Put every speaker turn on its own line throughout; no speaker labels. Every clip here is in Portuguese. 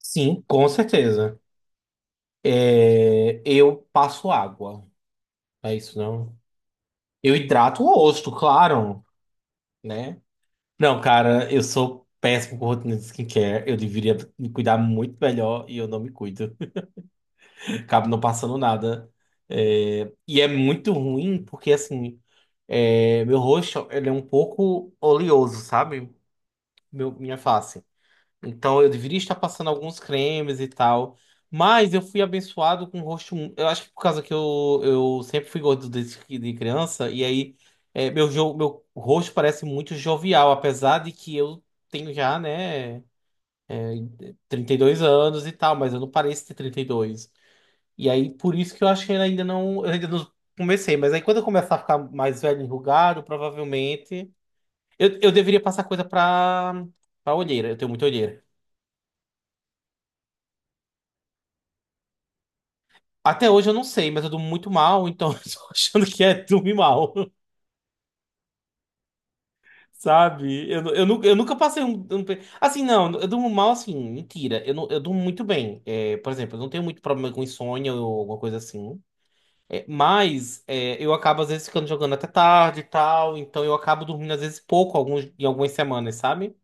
Sim, com certeza. É, eu passo água. É isso, não? Eu hidrato o rosto, claro, né? Não, cara, eu sou péssimo com rotina de skincare. Eu deveria me cuidar muito melhor e eu não me cuido. Acabo não passando nada. É, e é muito ruim porque, assim, meu rosto ele é um pouco oleoso, sabe? Minha face. Então eu deveria estar passando alguns cremes e tal. Mas eu fui abençoado com o rosto. Eu acho que por causa que eu sempre fui gordo de criança. E aí meu rosto parece muito jovial, apesar de que eu tenho já, né, é, 32 anos e tal, mas eu não pareço ter 32. E dois. E aí por isso que eu acho que eu ainda não comecei. Mas aí quando eu começar a ficar mais velho, enrugado, provavelmente. Eu deveria passar coisa pra olheira. Eu tenho muita olheira. Até hoje eu não sei, mas eu durmo muito mal, então eu tô achando que é dormir mal, sabe? Eu nunca passei. Assim, não, eu durmo mal assim, mentira. Eu durmo muito bem. É, por exemplo, eu não tenho muito problema com insônia ou alguma coisa assim. Eu acabo às vezes ficando jogando até tarde e tal, então eu acabo dormindo às vezes em algumas semanas, sabe?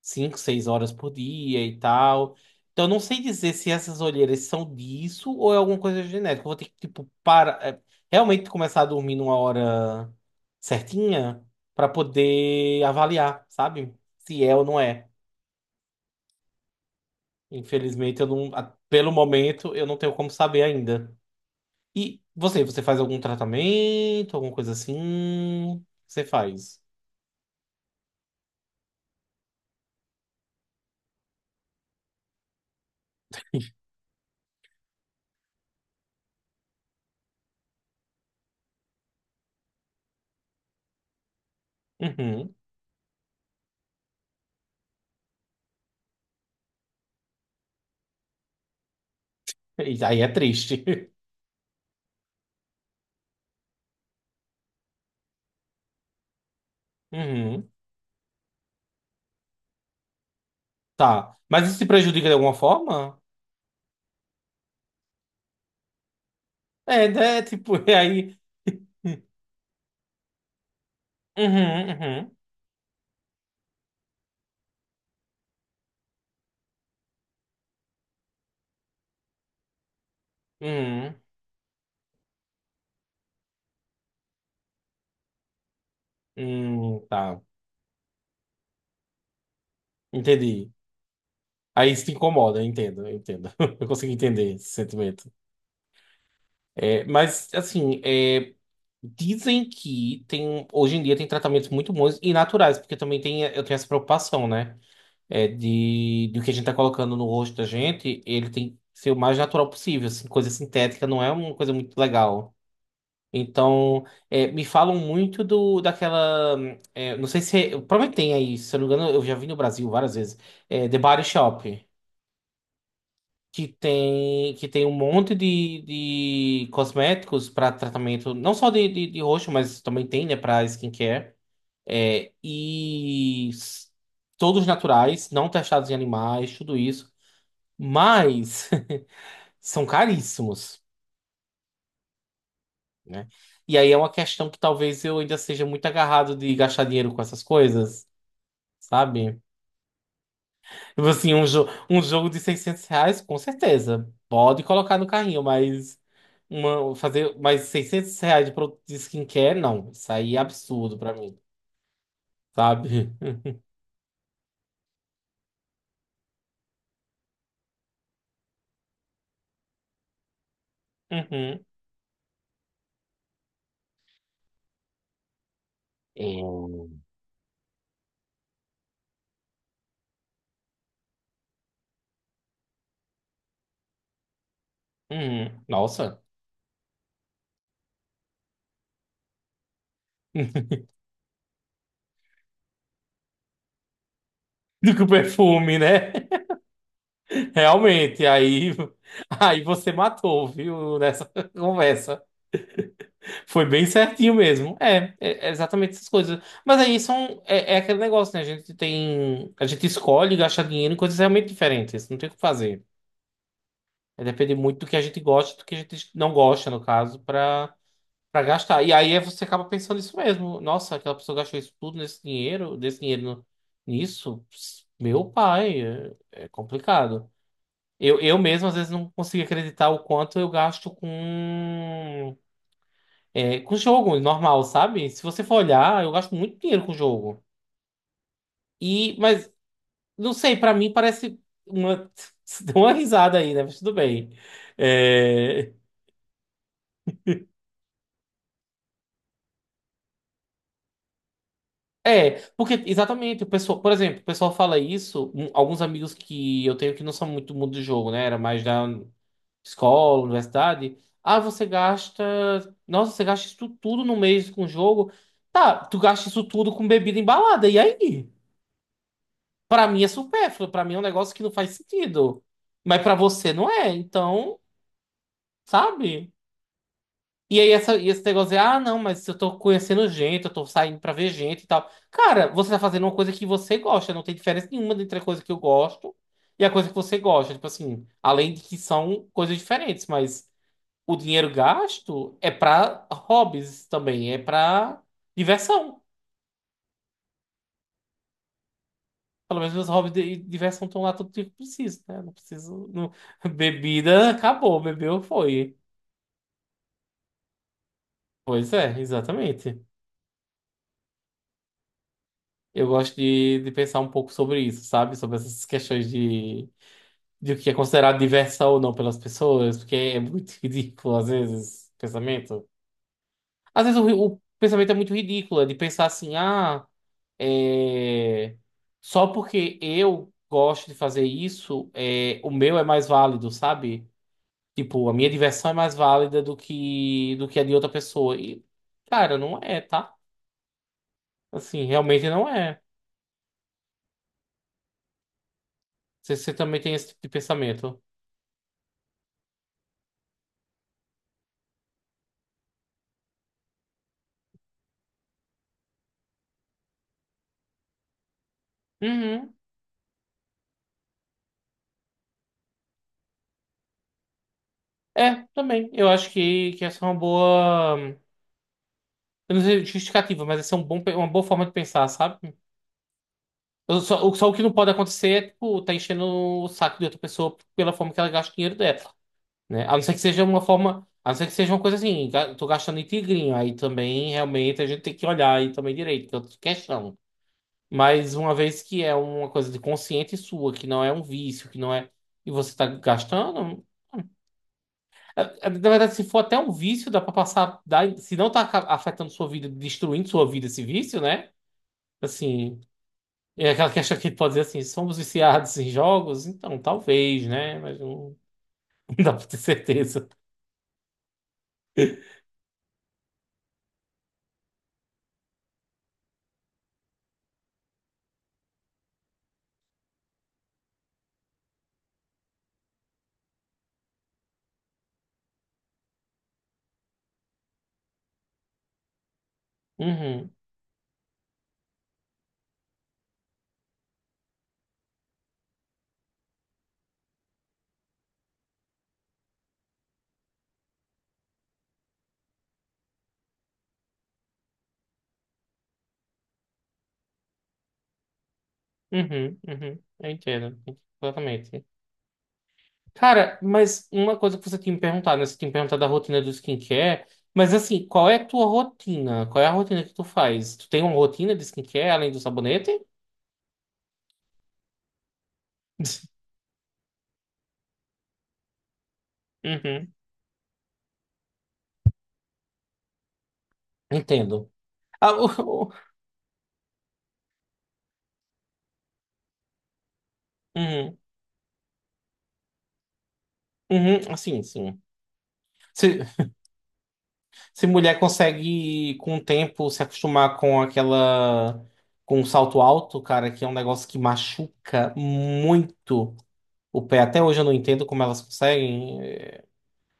Cinco, seis horas por dia e tal. Então, eu não sei dizer se essas olheiras são disso ou é alguma coisa genética. Eu vou ter que, tipo, realmente começar a dormir numa hora certinha para poder avaliar, sabe? Se é ou não é. Infelizmente, eu não, pelo momento, eu não tenho como saber ainda. E você faz algum tratamento, alguma coisa assim? Você faz. Uhum. E aí é triste. Uhum. Tá. Mas isso te prejudica de alguma forma? É, né? Tipo, e aí. Uhum, uhum, uhum. Tá. Entendi. Aí isso te incomoda, eu entendo, eu entendo. Eu consigo entender esse sentimento. É, mas, assim, é, dizem que tem, um, hoje em dia tem tratamentos muito bons e naturais, porque também tem, eu tenho essa preocupação, né? De o que a gente tá colocando no rosto da gente, ele tem que ser o mais natural possível, assim, coisa sintética não é uma coisa muito legal. Então, me falam muito do daquela. É, não sei se. Eu Provavelmente tem aí, se eu não me engano, eu já vi no Brasil várias vezes. É, The Body Shop, que tem um monte de cosméticos para tratamento, não só de rosto, mas também tem, né, para skincare. É, e s- todos naturais, não testados em animais, tudo isso. Mas são caríssimos, né? E aí é uma questão que talvez eu ainda seja muito agarrado de gastar dinheiro com essas coisas, sabe? Tipo assim, um, jo um jogo de R$ 600, com certeza, pode colocar no carrinho, mas fazer mais R$ 600 de produto de skincare, não. Isso aí é absurdo pra mim, sabe? Uhum. É. Uhum. Nossa. Do que o perfume, né? Realmente, aí você matou, viu, nessa conversa. Foi bem certinho mesmo. É exatamente essas coisas. Mas aí é aquele negócio, né? A gente tem. A gente escolhe gastar dinheiro em coisas realmente diferentes. Não tem o que fazer. É depender muito do que a gente gosta e do que a gente não gosta, no caso, para gastar. E aí você acaba pensando isso mesmo. Nossa, aquela pessoa gastou isso tudo desse dinheiro nisso. Ps, Meu pai, é complicado. Eu mesmo, às vezes, não consigo acreditar o quanto eu gasto com jogo normal, sabe? Se você for olhar, eu gasto muito dinheiro com jogo. Mas, não sei, pra mim parece uma. Você deu uma risada aí, né? Mas tudo bem. É, porque exatamente, o pessoal, por exemplo, o pessoal fala isso, alguns amigos que eu tenho que não são muito do mundo do jogo, né? Era mais da escola, universidade. Ah, você gasta. Nossa, você gasta isso tudo no mês com jogo. Tá, tu gasta isso tudo com bebida embalada, e aí? Pra mim é supérfluo, pra mim é um negócio que não faz sentido. Mas pra você não é, então, sabe? E aí e esse negócio de, ah, não, mas eu tô conhecendo gente, eu tô saindo pra ver gente e tal. Cara, você tá fazendo uma coisa que você gosta, não tem diferença nenhuma entre a coisa que eu gosto e a coisa que você gosta. Tipo assim, além de que são coisas diferentes, mas o dinheiro gasto é pra hobbies também, é pra diversão. Pelo menos meus hobbies de e diversão estão lá todo dia que eu preciso, né? Não preciso. Bebida acabou, bebeu foi. Pois é, exatamente. Eu gosto de pensar um pouco sobre isso, sabe? Sobre essas questões de o que é considerado diversão ou não pelas pessoas, porque é muito ridículo, às vezes, o pensamento. Às vezes o pensamento é muito ridículo, é de pensar assim, ah, é... só porque eu gosto de fazer isso, o meu é mais válido, sabe? Tipo, a minha diversão é mais válida do que a de outra pessoa. E, cara, não é, tá? Assim, realmente não é. Você também tem esse tipo de pensamento. Uhum. É, também. Eu acho que essa é uma boa. Eu não sei justificativa, mas essa é uma boa forma de pensar, sabe? Só o que não pode acontecer é, tipo, tá enchendo o saco de outra pessoa pela forma que ela gasta o dinheiro dela, né? A não ser que seja uma forma. A não ser que seja uma coisa assim, tô gastando em tigrinho. Aí também, realmente, a gente tem que olhar aí também direito, que é outra questão. Mas uma vez que é uma coisa de consciente sua, que não é um vício, que não é. E você tá gastando. é- Na verdade, se for até um vício, dá pra passar. Se não tá afetando sua vida, destruindo sua vida esse vício, né? Assim. É aquela questão que pode dizer assim: somos viciados em jogos? Então, talvez, né? Mas não, não dá pra ter certeza. Uhum, uhum, uhum. Eu entendo, exatamente. Cara, mas uma coisa que você tinha me perguntado, né? Você tinha me perguntado da rotina do skincare. Mas assim, qual é a tua rotina? Qual é a rotina que tu faz? Tu tem uma rotina de skincare além do sabonete? Uhum, entendo. Ah, uhum, uhum, assim, sim. Se, se mulher consegue, com o tempo, se acostumar com aquela... Com o salto alto, cara, que é um negócio que machuca muito o pé. Até hoje eu não entendo como elas conseguem.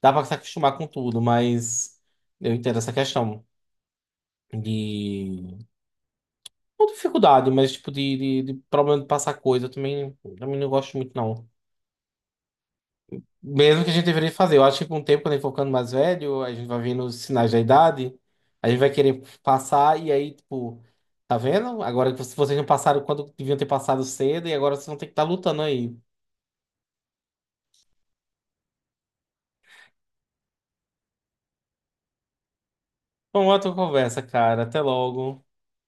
Dá pra se acostumar com tudo, mas eu entendo essa questão de. Não dificuldade, mas tipo de problema de passar coisa. Eu também não gosto muito, não. Mesmo que a gente deveria fazer. Eu acho que com o tempo, quando a gente for ficando mais velho, a gente vai vendo os sinais da idade, a gente vai querer passar e aí, tipo, tá vendo? Agora que vocês não passaram quando deviam ter passado cedo e agora vocês vão ter que estar lutando aí. Bom, outra conversa, cara. Até logo.